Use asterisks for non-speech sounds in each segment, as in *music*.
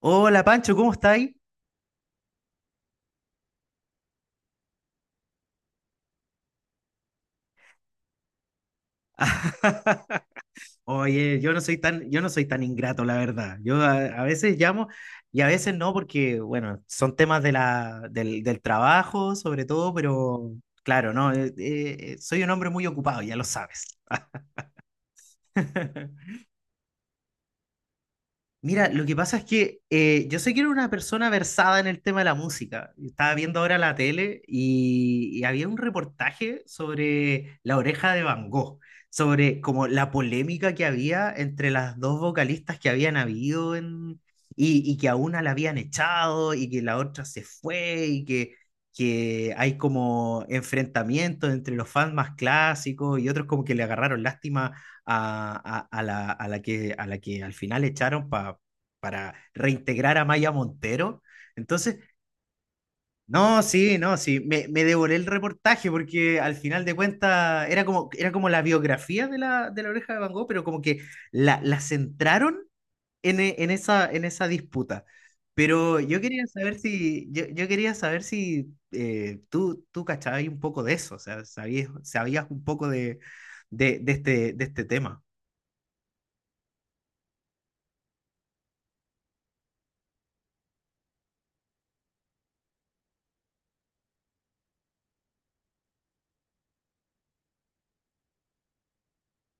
Hola Pancho, ¿cómo estáis? *laughs* Oye, yo no soy tan ingrato, la verdad. Yo a veces llamo y a veces no, porque, bueno, son temas de del trabajo, sobre todo, pero claro, no, soy un hombre muy ocupado, ya lo sabes. *laughs* Mira, lo que pasa es que yo sé que era una persona versada en el tema de la música. Estaba viendo ahora la tele y había un reportaje sobre La Oreja de Van Gogh, sobre como la polémica que había entre las dos vocalistas que habían habido y que a una la habían echado y que la otra se fue y que hay como enfrentamientos entre los fans más clásicos y otros como que le agarraron lástima a la que al final echaron para reintegrar a Maya Montero. Entonces, no, sí, no, sí, me devoré el reportaje porque al final de cuentas era como la biografía de la Oreja de Van Gogh, pero como que la centraron en esa disputa. Pero yo quería saber si, yo quería saber si tú cachabas un poco de eso, o sea, sabías un poco de este tema.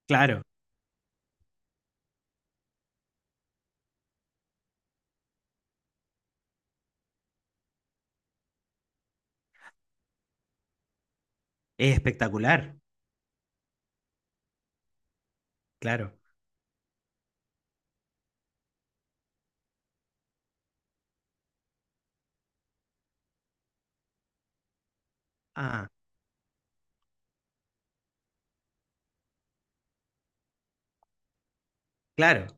Claro. Es espectacular, claro. Ah, claro.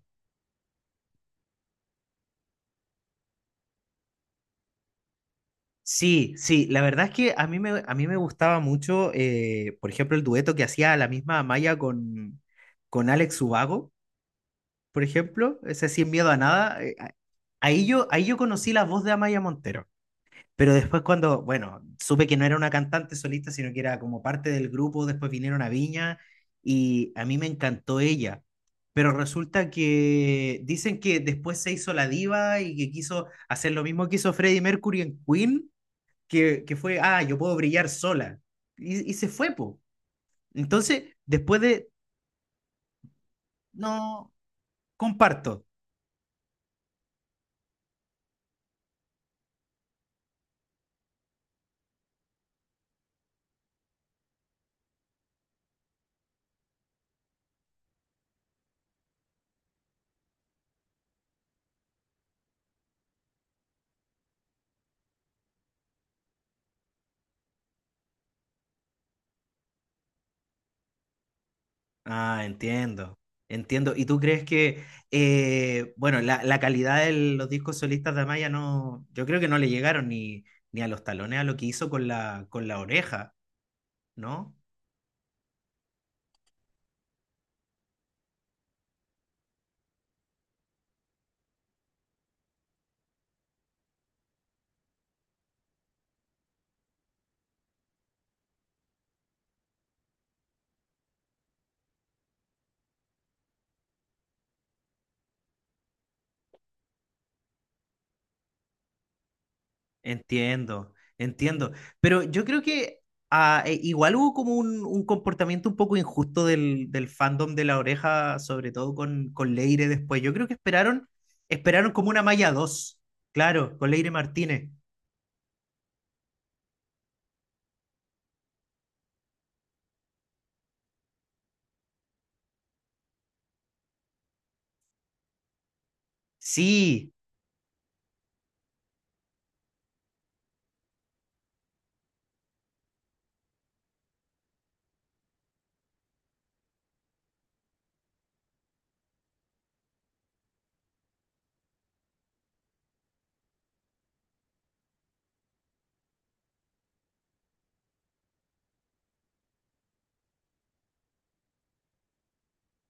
Sí, sí, la verdad es que a mí me gustaba mucho, por ejemplo, el dueto que hacía la misma Amaya con Alex Ubago, por ejemplo, ese Sin Miedo a Nada. Ahí yo conocí la voz de Amaya Montero. Pero después cuando, bueno, supe que no era una cantante solista, sino que era como parte del grupo, después vinieron a Viña y a mí me encantó ella. Pero resulta que dicen que después se hizo la diva y que quiso hacer lo mismo que hizo Freddie Mercury en Queen, que fue, yo puedo brillar sola. Y se fue, po. Entonces, no, comparto. Ah, entiendo, entiendo. ¿Y tú crees que, bueno, la calidad de los discos solistas de Amaya no, yo creo que no le llegaron ni a los talones a lo que hizo con la oreja, ¿no? Entiendo, entiendo. Pero yo creo que igual hubo como un comportamiento un poco injusto del fandom de La Oreja, sobre todo con Leire después. Yo creo que esperaron como una Amaya 2, claro, con Leire Martínez. Sí.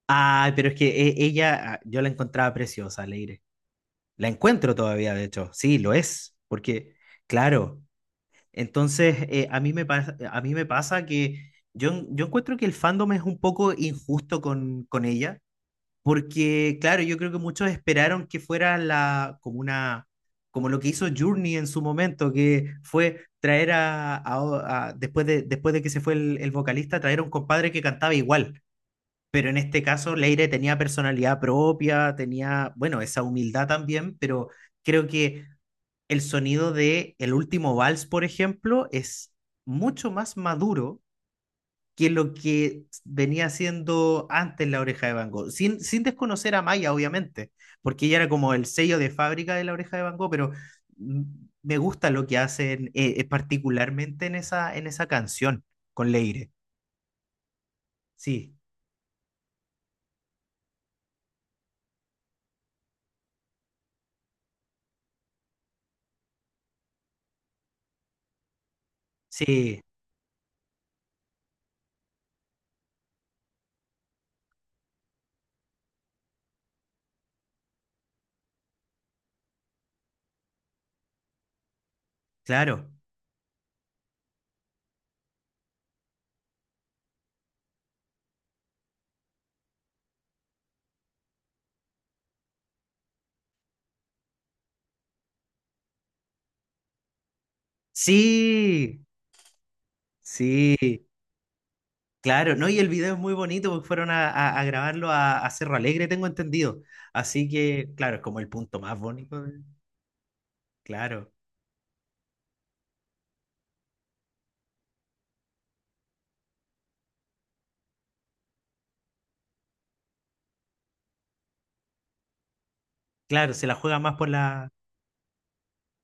Ay, pero es que ella, yo la encontraba preciosa, Leire. La encuentro todavía, de hecho. Sí, lo es, porque, claro. Entonces, a mí me pasa que yo encuentro que el fandom es un poco injusto con ella, porque, claro, yo creo que muchos esperaron que fuera como lo que hizo Journey en su momento, que fue traer después de que se fue el vocalista, traer a un compadre que cantaba igual. Pero en este caso, Leire tenía personalidad propia, tenía, bueno, esa humildad también, pero creo que el sonido de El último vals, por ejemplo, es mucho más maduro que lo que venía haciendo antes La Oreja de Van Gogh, sin desconocer a Maya, obviamente, porque ella era como el sello de fábrica de La Oreja de Van Gogh, pero mm, me gusta lo que hacen particularmente en esa canción con Leire. Sí, sí, claro. Sí, sí, claro, ¿no? Y el video es muy bonito porque fueron a grabarlo a Cerro Alegre, tengo entendido. Así que, claro, es como el punto más bonito. Claro, claro, se la juega más por la...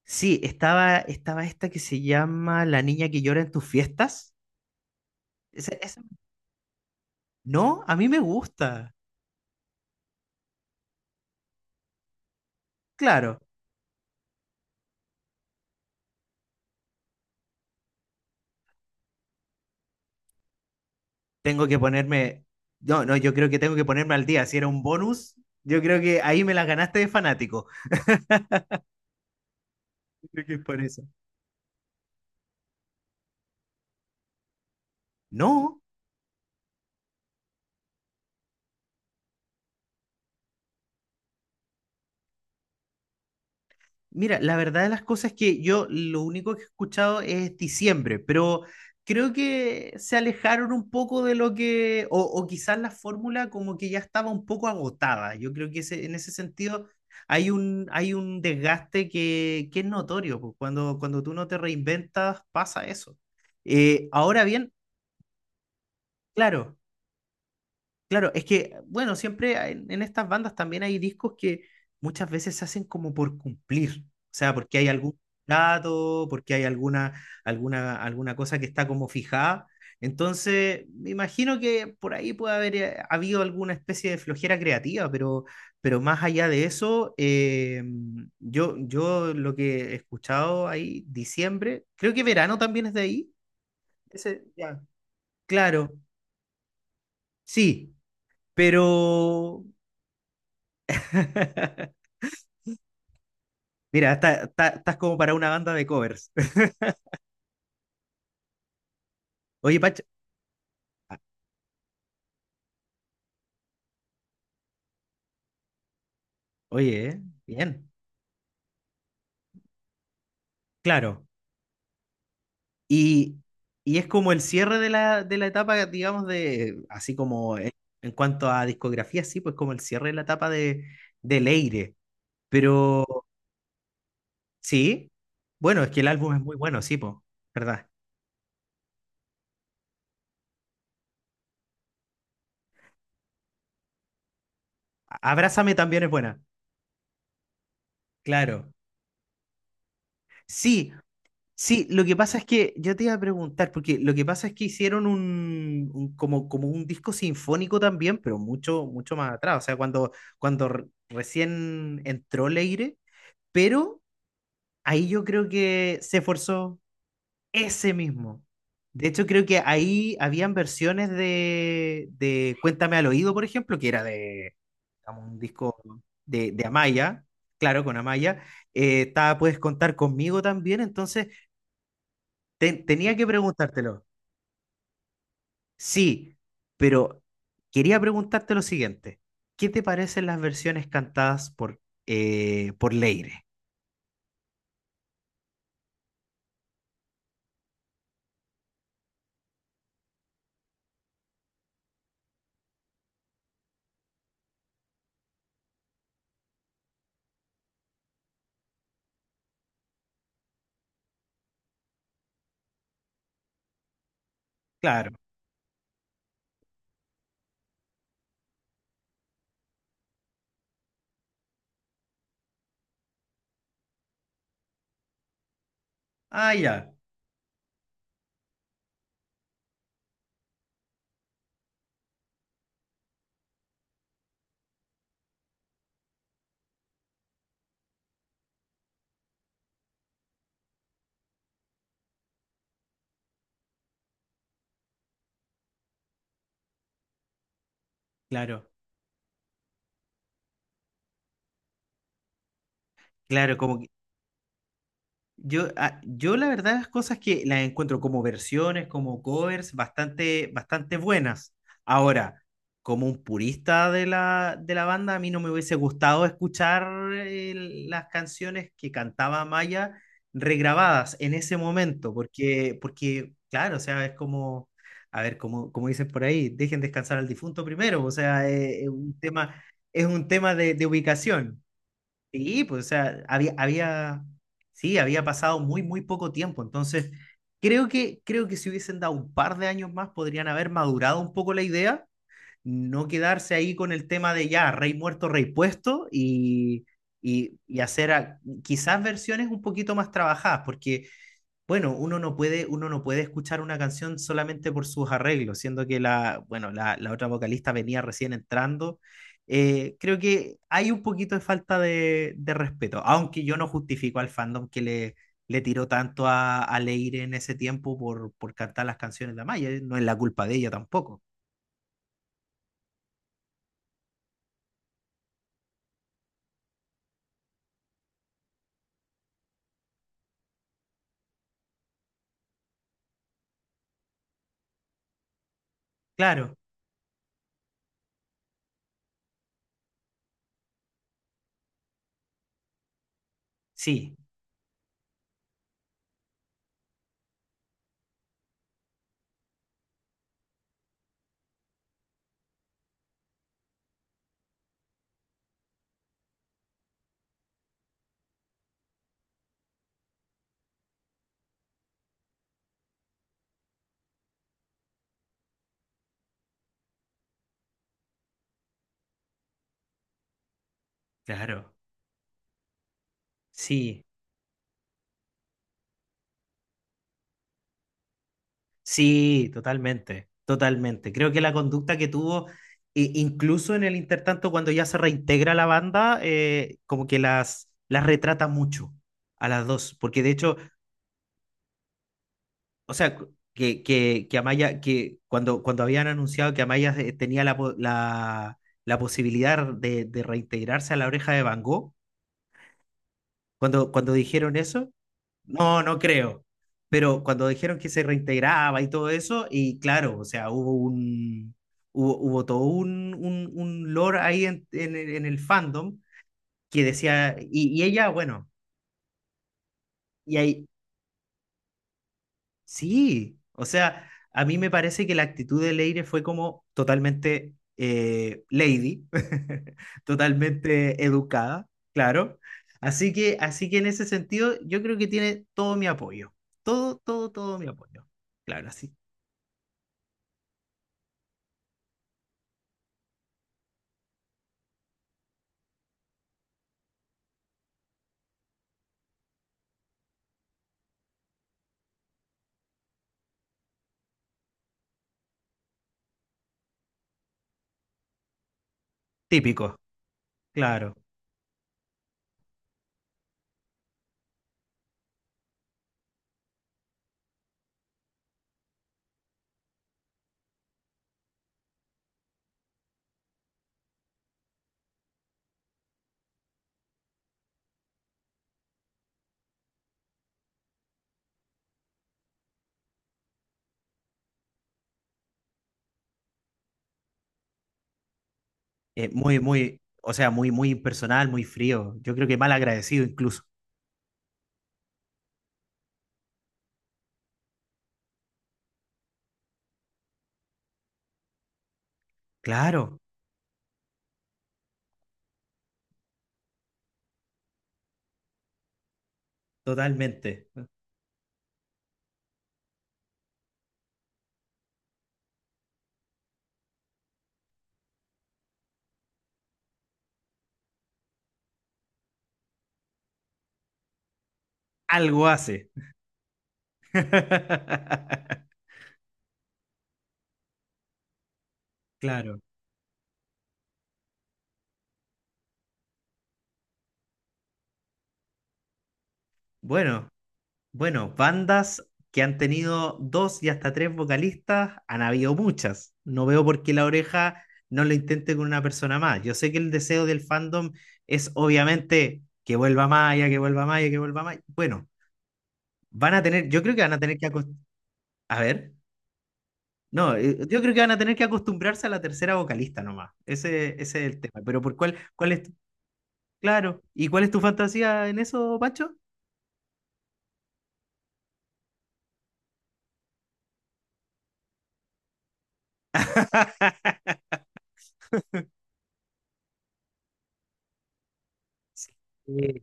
Sí, estaba esta que se llama La niña que llora en tus fiestas. Esa- esa- No, a mí me gusta. Claro, tengo que ponerme... no, no, yo creo que tengo que ponerme al día. Si era un bonus, yo creo que ahí me la ganaste de fanático. Creo que es por eso. No. Mira, la verdad de las cosas es que yo lo único que he escuchado es diciembre, pero creo que se alejaron un poco de lo que, o quizás la fórmula como que ya estaba un poco agotada. Yo creo que en ese sentido hay un desgaste que es notorio, pues, cuando tú no te reinventas pasa eso. Ahora bien, claro. Claro, es que, bueno, siempre estas bandas también hay discos que muchas veces se hacen como por cumplir, o sea, porque hay algún dato, porque hay alguna cosa que está como fijada. Entonces, me imagino que por ahí puede haber habido alguna especie de flojera creativa, pero más allá de eso, yo lo que he escuchado ahí, diciembre, creo que verano también es de ahí. Ese, ya. Claro, sí, pero... *laughs* Mira, estás como para una banda de covers. *laughs* Oye, Pach, ah, oye, ¿eh? Bien, claro. Y, y es como el cierre de la etapa, digamos, así como en cuanto a discografía, sí, pues como el cierre de la etapa de Leire. Pero sí, bueno, es que el álbum es muy bueno, sí, pues, ¿verdad? Abrázame también es buena, claro. Sí, sí, lo que pasa es que yo te iba a preguntar, porque lo que pasa es que hicieron un, como un disco sinfónico también, pero mucho, mucho más atrás, o sea, cuando, cuando recién entró Leire, pero ahí yo creo que se forzó ese mismo. De hecho, creo que ahí habían versiones de Cuéntame al oído, por ejemplo, que era de digamos, un disco de Amaya, claro, con Amaya. Estaba Puedes contar conmigo también, entonces... Tenía que preguntártelo. Sí, pero quería preguntarte lo siguiente. ¿Qué te parecen las versiones cantadas por Leire? Claro. Ah, ya. Claro. Claro, yo la verdad las cosas que las encuentro como versiones, como covers, bastante, bastante buenas. Ahora, como un purista de la banda, a mí no me hubiese gustado escuchar las canciones que cantaba Maya regrabadas en ese momento, porque claro, o sea, es como, a ver, como dicen por ahí, dejen descansar al difunto primero, o sea, es un tema de ubicación. Sí, pues, o sea, sí, había pasado muy, muy poco tiempo. Entonces, creo que si hubiesen dado un par de años más, podrían haber madurado un poco la idea, no quedarse ahí con el tema de ya, rey muerto, rey puesto, y hacer quizás versiones un poquito más trabajadas, porque bueno, uno no puede escuchar una canción solamente por sus arreglos, siendo que bueno, la otra vocalista venía recién entrando. Creo que hay un poquito de falta de respeto, aunque yo no justifico al fandom que le tiró tanto a Leire en ese tiempo por cantar las canciones de Amaya, no es la culpa de ella tampoco. Claro, sí, claro, sí. Sí, totalmente, totalmente. Creo que la conducta que tuvo, incluso en el intertanto, cuando ya se reintegra la banda, como que las retrata mucho a las dos, porque de hecho, o sea, cu- que Amaya, que cuando, cuando habían anunciado que Amaya tenía la posibilidad de reintegrarse a La Oreja de Van Gogh, cuando dijeron eso. No, no creo. Pero cuando dijeron que se reintegraba y todo eso, y claro, o sea, hubo todo un lore ahí en el fandom que decía, y ella, bueno, y ahí, sí, o sea, a mí me parece que la actitud de Leire fue como totalmente lady, *laughs* totalmente educada, claro. Así que en ese sentido, yo creo que tiene todo mi apoyo, todo, todo, todo mi apoyo. Claro, así típico, claro. Muy, muy, o sea, muy, muy impersonal, muy frío. Yo creo que mal agradecido incluso. Claro, totalmente. Algo hace. *laughs* Claro. Bueno, bueno, bandas que han tenido dos y hasta tres vocalistas, han habido muchas. No veo por qué La Oreja no lo intente con una persona más. Yo sé que el deseo del fandom es obviamente que vuelva Maya, que vuelva Maya, que vuelva Maya. Bueno, van a tener, yo creo que van a tener que acost- A ver. No, yo creo que van a tener que acostumbrarse a la tercera vocalista nomás. Ese es el tema. Pero por cuál, cuál es, tu- claro, ¿y cuál es tu fantasía en eso, Pancho? *laughs* Sí, eh,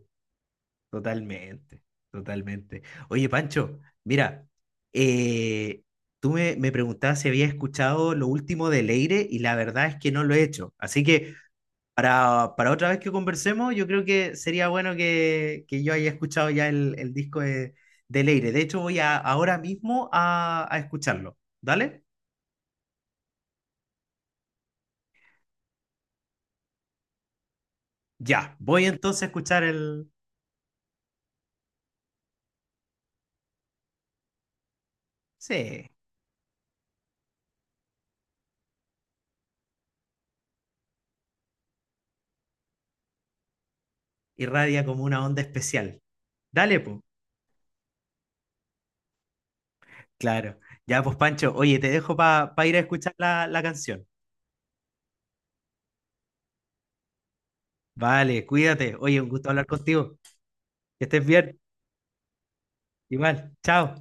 totalmente, totalmente. Oye, Pancho, mira, eh, tú me preguntabas si había escuchado lo último de Leire y la verdad es que no lo he hecho. Así que Para otra vez que conversemos, yo creo que sería bueno que yo haya escuchado ya el disco de Leire. De hecho, ahora mismo a escucharlo. ¿Dale? Ya, voy entonces a escuchar el... Sí, irradia como una onda especial. Dale, pues. Claro. Ya, pues Pancho, oye, te dejo para ir a escuchar la canción. Vale, cuídate. Oye, un gusto hablar contigo. Que estés bien. Igual, chao.